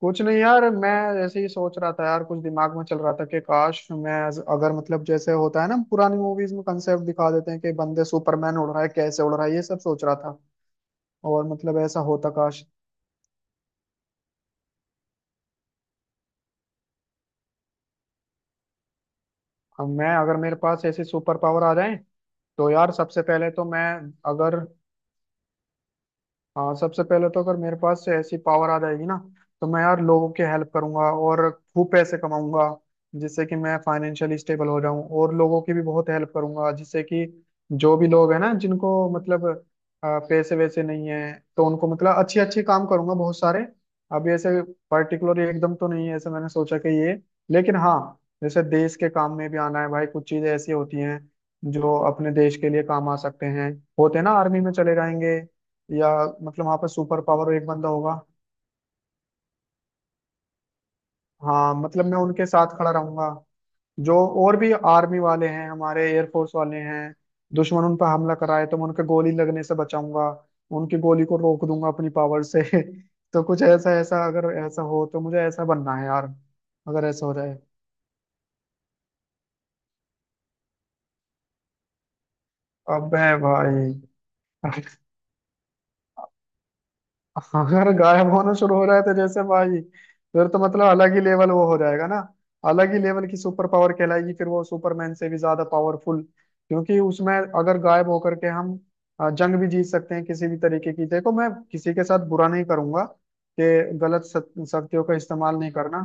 कुछ नहीं यार, मैं ऐसे ही सोच रहा था यार, कुछ दिमाग में चल रहा था कि काश मैं अगर, मतलब जैसे होता है ना, पुरानी मूवीज में कंसेप्ट दिखा देते हैं कि बंदे सुपरमैन उड़ रहा है, कैसे उड़ रहा है, ये सब सोच रहा था। और मतलब ऐसा होता काश। हम मैं, अगर मेरे पास ऐसी सुपर पावर आ जाए तो यार सबसे पहले तो मैं अगर, हाँ, सबसे पहले तो अगर मेरे पास से ऐसी पावर आ जाएगी ना, तो मैं यार लोगों की हेल्प करूंगा और खूब पैसे कमाऊंगा, जिससे कि मैं फाइनेंशियली स्टेबल हो जाऊं और लोगों की भी बहुत हेल्प करूंगा, जिससे कि जो भी लोग हैं ना जिनको मतलब पैसे वैसे नहीं है, तो उनको मतलब अच्छे अच्छे काम करूंगा बहुत सारे। अभी ऐसे पर्टिकुलर एकदम तो नहीं है, ऐसे मैंने सोचा कि ये, लेकिन हाँ, जैसे देश के काम में भी आना है भाई। कुछ चीजें ऐसी होती हैं जो अपने देश के लिए काम आ सकते हैं, होते ना, आर्मी में चले जाएंगे। या मतलब वहां पर सुपर पावर एक बंदा होगा। हाँ, मतलब मैं उनके साथ खड़ा रहूंगा। जो और भी आर्मी वाले हैं, हमारे एयरफोर्स वाले हैं, दुश्मन उन पर हमला कराए तो मैं उनके गोली लगने से बचाऊंगा। उनकी गोली को रोक दूंगा अपनी पावर से। तो कुछ ऐसा ऐसा, अगर ऐसा हो तो मुझे ऐसा बनना है यार, अगर ऐसा हो जाए। अबे भाई। अगर गायब होना शुरू हो रहा है तो जैसे भाई, फिर तो मतलब अलग ही लेवल वो हो जाएगा ना। अलग ही लेवल की सुपर पावर कहलाएगी फिर वो, सुपरमैन से भी ज्यादा पावरफुल। क्योंकि उसमें अगर गायब होकर के हम जंग भी जीत सकते हैं किसी भी तरीके की। देखो, मैं किसी के साथ बुरा नहीं करूंगा, कि गलत शक्तियों का इस्तेमाल नहीं करना।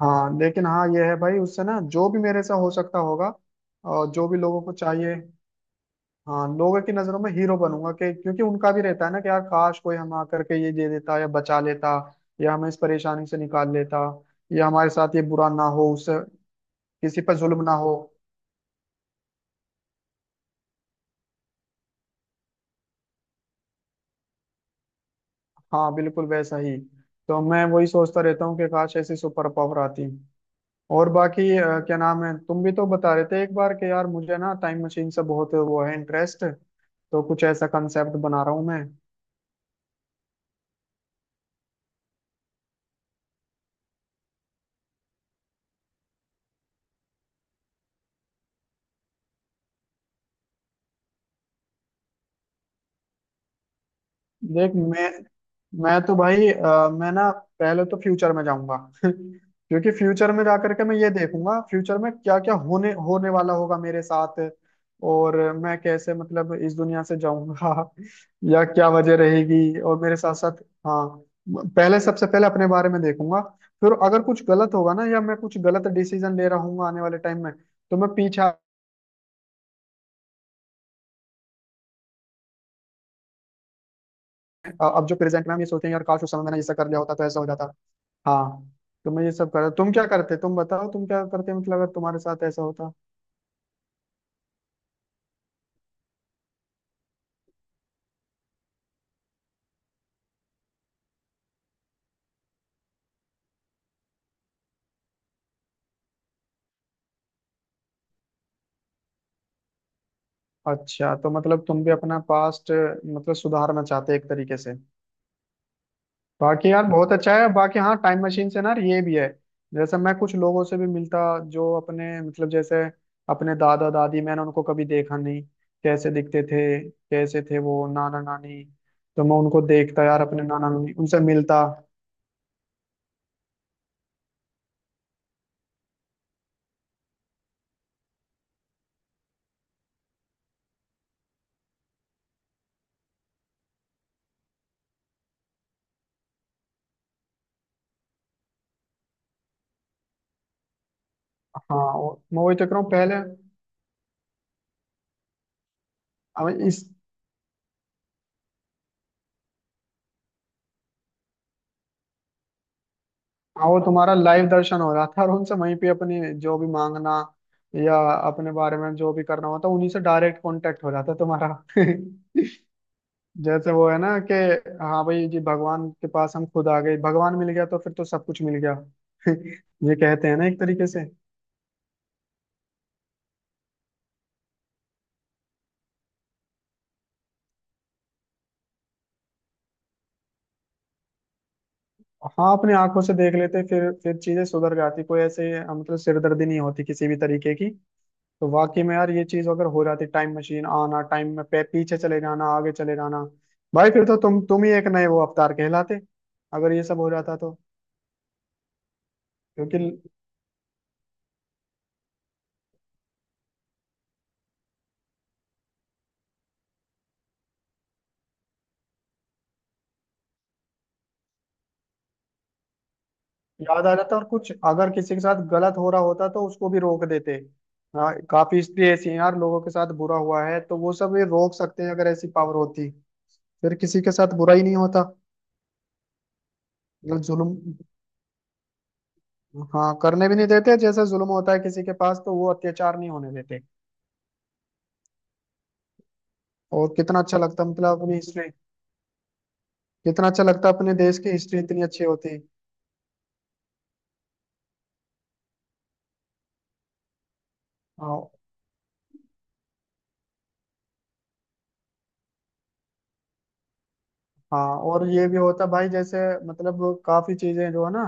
हाँ, लेकिन हाँ ये है भाई, उससे ना जो भी मेरे से हो सकता होगा, और जो भी लोगों को चाहिए। हाँ, लोगों की नजरों में हीरो बनूंगा, कि क्योंकि उनका भी रहता है ना कि यार काश कोई हम आकर के ये दे देता या बचा लेता, या हमें इस परेशानी से निकाल लेता, या हमारे साथ ये बुरा ना हो उससे, किसी पर जुल्म ना हो। हाँ, बिल्कुल वैसा ही। तो मैं वही सोचता रहता हूँ कि काश ऐसी सुपर पावर आती। और बाकी क्या नाम है, तुम भी तो बता रहे थे एक बार कि यार मुझे ना टाइम मशीन से बहुत वो है इंटरेस्ट। तो कुछ ऐसा कंसेप्ट बना रहा हूँ मैं। देख मैं तो भाई मैं ना पहले तो फ्यूचर में जाऊंगा। क्योंकि फ्यूचर में जा करके मैं ये देखूंगा, फ्यूचर में क्या क्या होने होने वाला होगा मेरे साथ, और मैं कैसे मतलब इस दुनिया से जाऊंगा। या क्या वजह रहेगी, और मेरे साथ साथ, हाँ, पहले सबसे पहले अपने बारे में देखूंगा। फिर अगर कुछ गलत होगा ना, या मैं कुछ गलत डिसीजन ले रहा हूँ आने वाले टाइम में, तो मैं पीछे, अब जो प्रेजेंट में हम ये सोचेंगे यार काश उस समय मैंने ऐसा कर लिया होता तो ऐसा हो जाता। हाँ, तो मैं ये सब कर, तुम क्या करते, तुम बताओ तुम क्या करते, मतलब अगर तुम्हारे साथ ऐसा होता। अच्छा, तो मतलब तुम भी अपना पास्ट मतलब सुधारना चाहते एक तरीके से। बाकी यार बहुत अच्छा है, बाकी हाँ, टाइम मशीन से ना ये भी है, जैसे मैं कुछ लोगों से भी मिलता, जो अपने मतलब जैसे अपने दादा दादी, मैंने उनको कभी देखा नहीं, कैसे दिखते थे, कैसे थे वो, नाना नानी, तो मैं उनको देखता यार अपने नाना नानी, उनसे मिलता। हाँ, और मैं वही तो कह रहा हूँ पहले। अब इस, हाँ, वो तुम्हारा लाइव दर्शन हो रहा था और उनसे वहीं पे अपनी जो भी मांगना, या अपने बारे में जो भी करना होता, उन्हीं से डायरेक्ट कांटेक्ट हो जाता तुम्हारा। जैसे वो है ना कि हाँ भाई जी, भगवान के पास हम खुद आ गए, भगवान मिल गया तो फिर तो सब कुछ मिल गया। ये कहते हैं ना एक तरीके से। हाँ, अपनी आंखों से देख लेते, फिर चीजें सुधर जाती, कोई ऐसे मतलब सिरदर्दी नहीं होती किसी भी तरीके की। तो वाकई में यार ये चीज अगर हो जाती टाइम मशीन, आना टाइम में पीछे चले जाना, आगे चले जाना, भाई फिर तो तुम ही एक नए वो अवतार कहलाते, अगर ये सब हो जाता तो, क्योंकि याद आ जाता, और कुछ अगर किसी के साथ गलत हो रहा होता तो उसको भी रोक देते। हाँ, काफी इसलिए ऐसी यार लोगों के साथ बुरा हुआ है, तो वो सब ये रोक सकते हैं अगर ऐसी पावर होती। फिर किसी के साथ बुरा ही नहीं होता। जो जुल्म, हाँ करने भी नहीं देते, जैसा जुल्म होता है किसी के पास तो वो अत्याचार नहीं होने देते। और कितना अच्छा लगता मतलब अपनी हिस्ट्री, कितना अच्छा लगता अपने देश की हिस्ट्री इतनी अच्छी होती। हाँ हाँ, और ये भी होता भाई जैसे मतलब काफी चीजें जो है ना,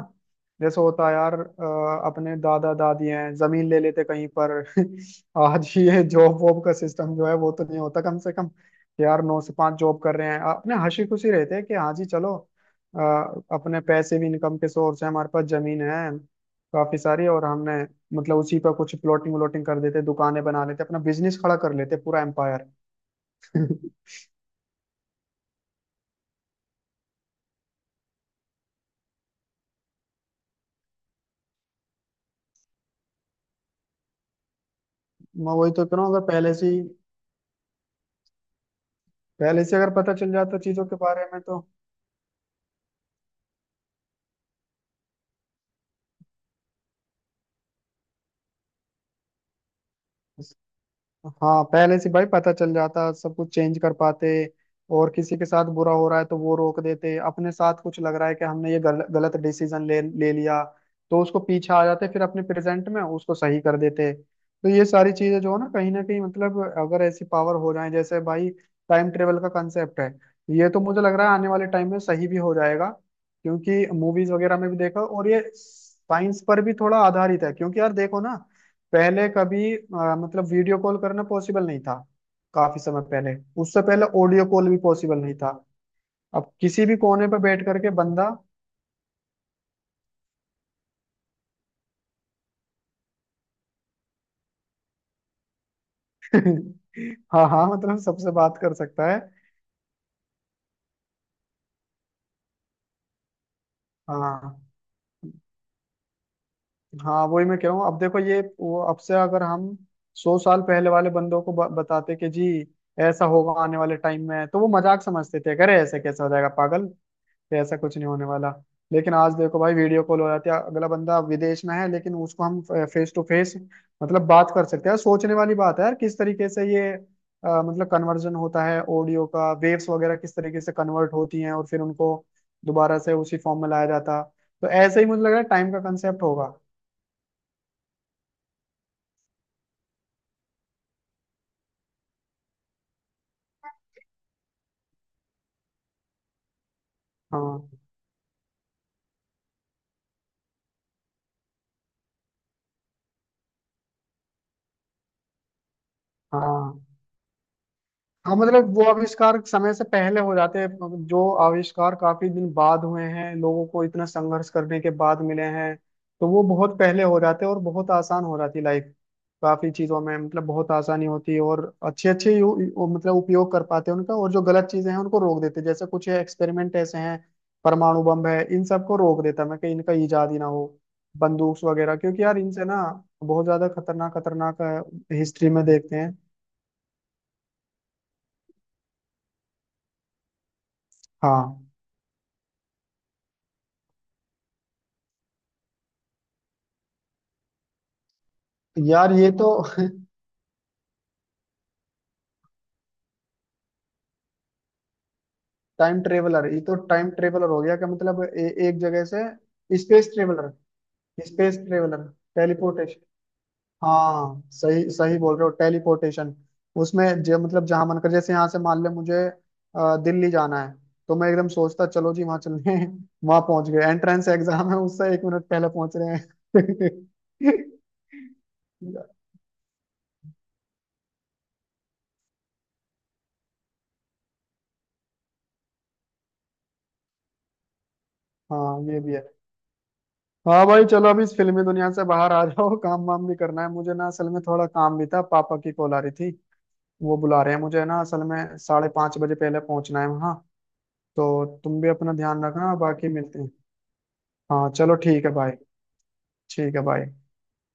जैसे होता है यार अपने दादा दादी हैं, जमीन ले लेते कहीं पर। आज ये जॉब वॉब का सिस्टम जो है वो तो नहीं होता कम से कम, कि यार 9 से 5 जॉब कर रहे हैं, अपने हंसी खुशी रहते हैं कि हाँ जी चलो, अपने पैसे भी, इनकम के सोर्स हैं हमारे पास, जमीन है काफी सारी, और हमने मतलब उसी पर कुछ प्लॉटिंग व्लॉटिंग कर देते, दुकानें बना लेते, अपना बिजनेस खड़ा कर लेते पूरा एम्पायर। मैं वही तो कह रहा हूँ, अगर पहले से ही, पहले से अगर पता चल जाता चीजों के बारे में तो। हाँ, पहले से भाई पता चल जाता, सब कुछ चेंज कर पाते, और किसी के साथ बुरा हो रहा है तो वो रोक देते, अपने साथ कुछ लग रहा है कि हमने ये गलत डिसीजन ले ले लिया, तो उसको पीछे आ जाते, फिर अपने प्रेजेंट में उसको सही कर देते। तो ये सारी चीजें जो है ना कहीं मतलब अगर ऐसी पावर हो जाए जैसे भाई, टाइम ट्रेवल का कंसेप्ट है, ये तो मुझे लग रहा है आने वाले टाइम में सही भी हो जाएगा। क्योंकि मूवीज वगैरह में भी देखा, और ये साइंस पर भी थोड़ा आधारित है, क्योंकि यार देखो ना, पहले कभी मतलब वीडियो कॉल करना पॉसिबल नहीं था, काफी समय पहले। उससे पहले ऑडियो कॉल भी पॉसिबल नहीं था। अब किसी भी कोने पर बैठ करके बंदा, हाँ हाँ, मतलब सबसे बात कर सकता है। हाँ, हाँ वही मैं कह रहा हूँ, अब देखो ये वो, अब से अगर हम 100 साल पहले वाले बंदों को बताते कि जी ऐसा होगा आने वाले टाइम में, तो वो मजाक समझते थे, अरे ऐसे कैसे हो जाएगा पागल, कि ऐसा कुछ नहीं होने वाला। लेकिन आज देखो भाई वीडियो कॉल हो जाती है, अगला बंदा विदेश में है लेकिन उसको हम फेस टू फेस मतलब बात कर सकते हैं। सोचने वाली बात है यार, किस तरीके से ये मतलब कन्वर्जन होता है, ऑडियो का वेव्स वगैरह किस तरीके से कन्वर्ट होती हैं और फिर उनको दोबारा से उसी फॉर्म में लाया जाता। तो ऐसे ही मुझे लग रहा है टाइम का कंसेप्ट होगा। हाँ हाँ हाँ, मतलब वो आविष्कार समय से पहले हो जाते हैं जो आविष्कार काफी दिन बाद हुए हैं, लोगों को इतना संघर्ष करने के बाद मिले हैं। तो वो बहुत पहले हो जाते हैं और बहुत आसान हो जाती लाइफ, काफी चीजों में मतलब बहुत आसानी होती है, और अच्छे अच्छे यू, यू- मतलब उपयोग कर पाते हैं उनका। और जो गलत चीजें हैं उनको रोक देते हैं, जैसे कुछ एक्सपेरिमेंट ऐसे हैं, परमाणु बम है, इन सबको रोक देता मैं कि इनका इजाद ही ना हो, बंदूक वगैरह, क्योंकि यार इनसे ना बहुत ज्यादा खतरनाक खतरनाक हिस्ट्री में देखते हैं। हाँ यार ये तो, टाइम ट्रेवलर, ये तो टाइम ट्रेवलर हो गया क्या मतलब एक जगह से space traveller, space traveller, teleportation, हाँ सही सही बोल रहे हो टेलीपोर्टेशन। उसमें जो मतलब जहां मन कर, जैसे यहाँ से मान ले मुझे दिल्ली जाना है, तो मैं एकदम सोचता चलो जी वहां चलने, वहां पहुंच गए, एंट्रेंस एग्जाम है उससे 1 मिनट पहले पहुंच रहे हैं। हाँ ये भी है। हाँ भाई चलो, अभी इस फिल्मी दुनिया से बाहर आ जाओ। काम वाम भी करना है मुझे ना असल में, थोड़ा काम भी था, पापा की कॉल आ रही थी, वो बुला रहे हैं मुझे ना असल में, 5:30 बजे पहले पहुंचना है वहाँ। तो तुम भी अपना ध्यान रखना, बाकी मिलते हैं। हाँ चलो ठीक है भाई। ठीक है भाई।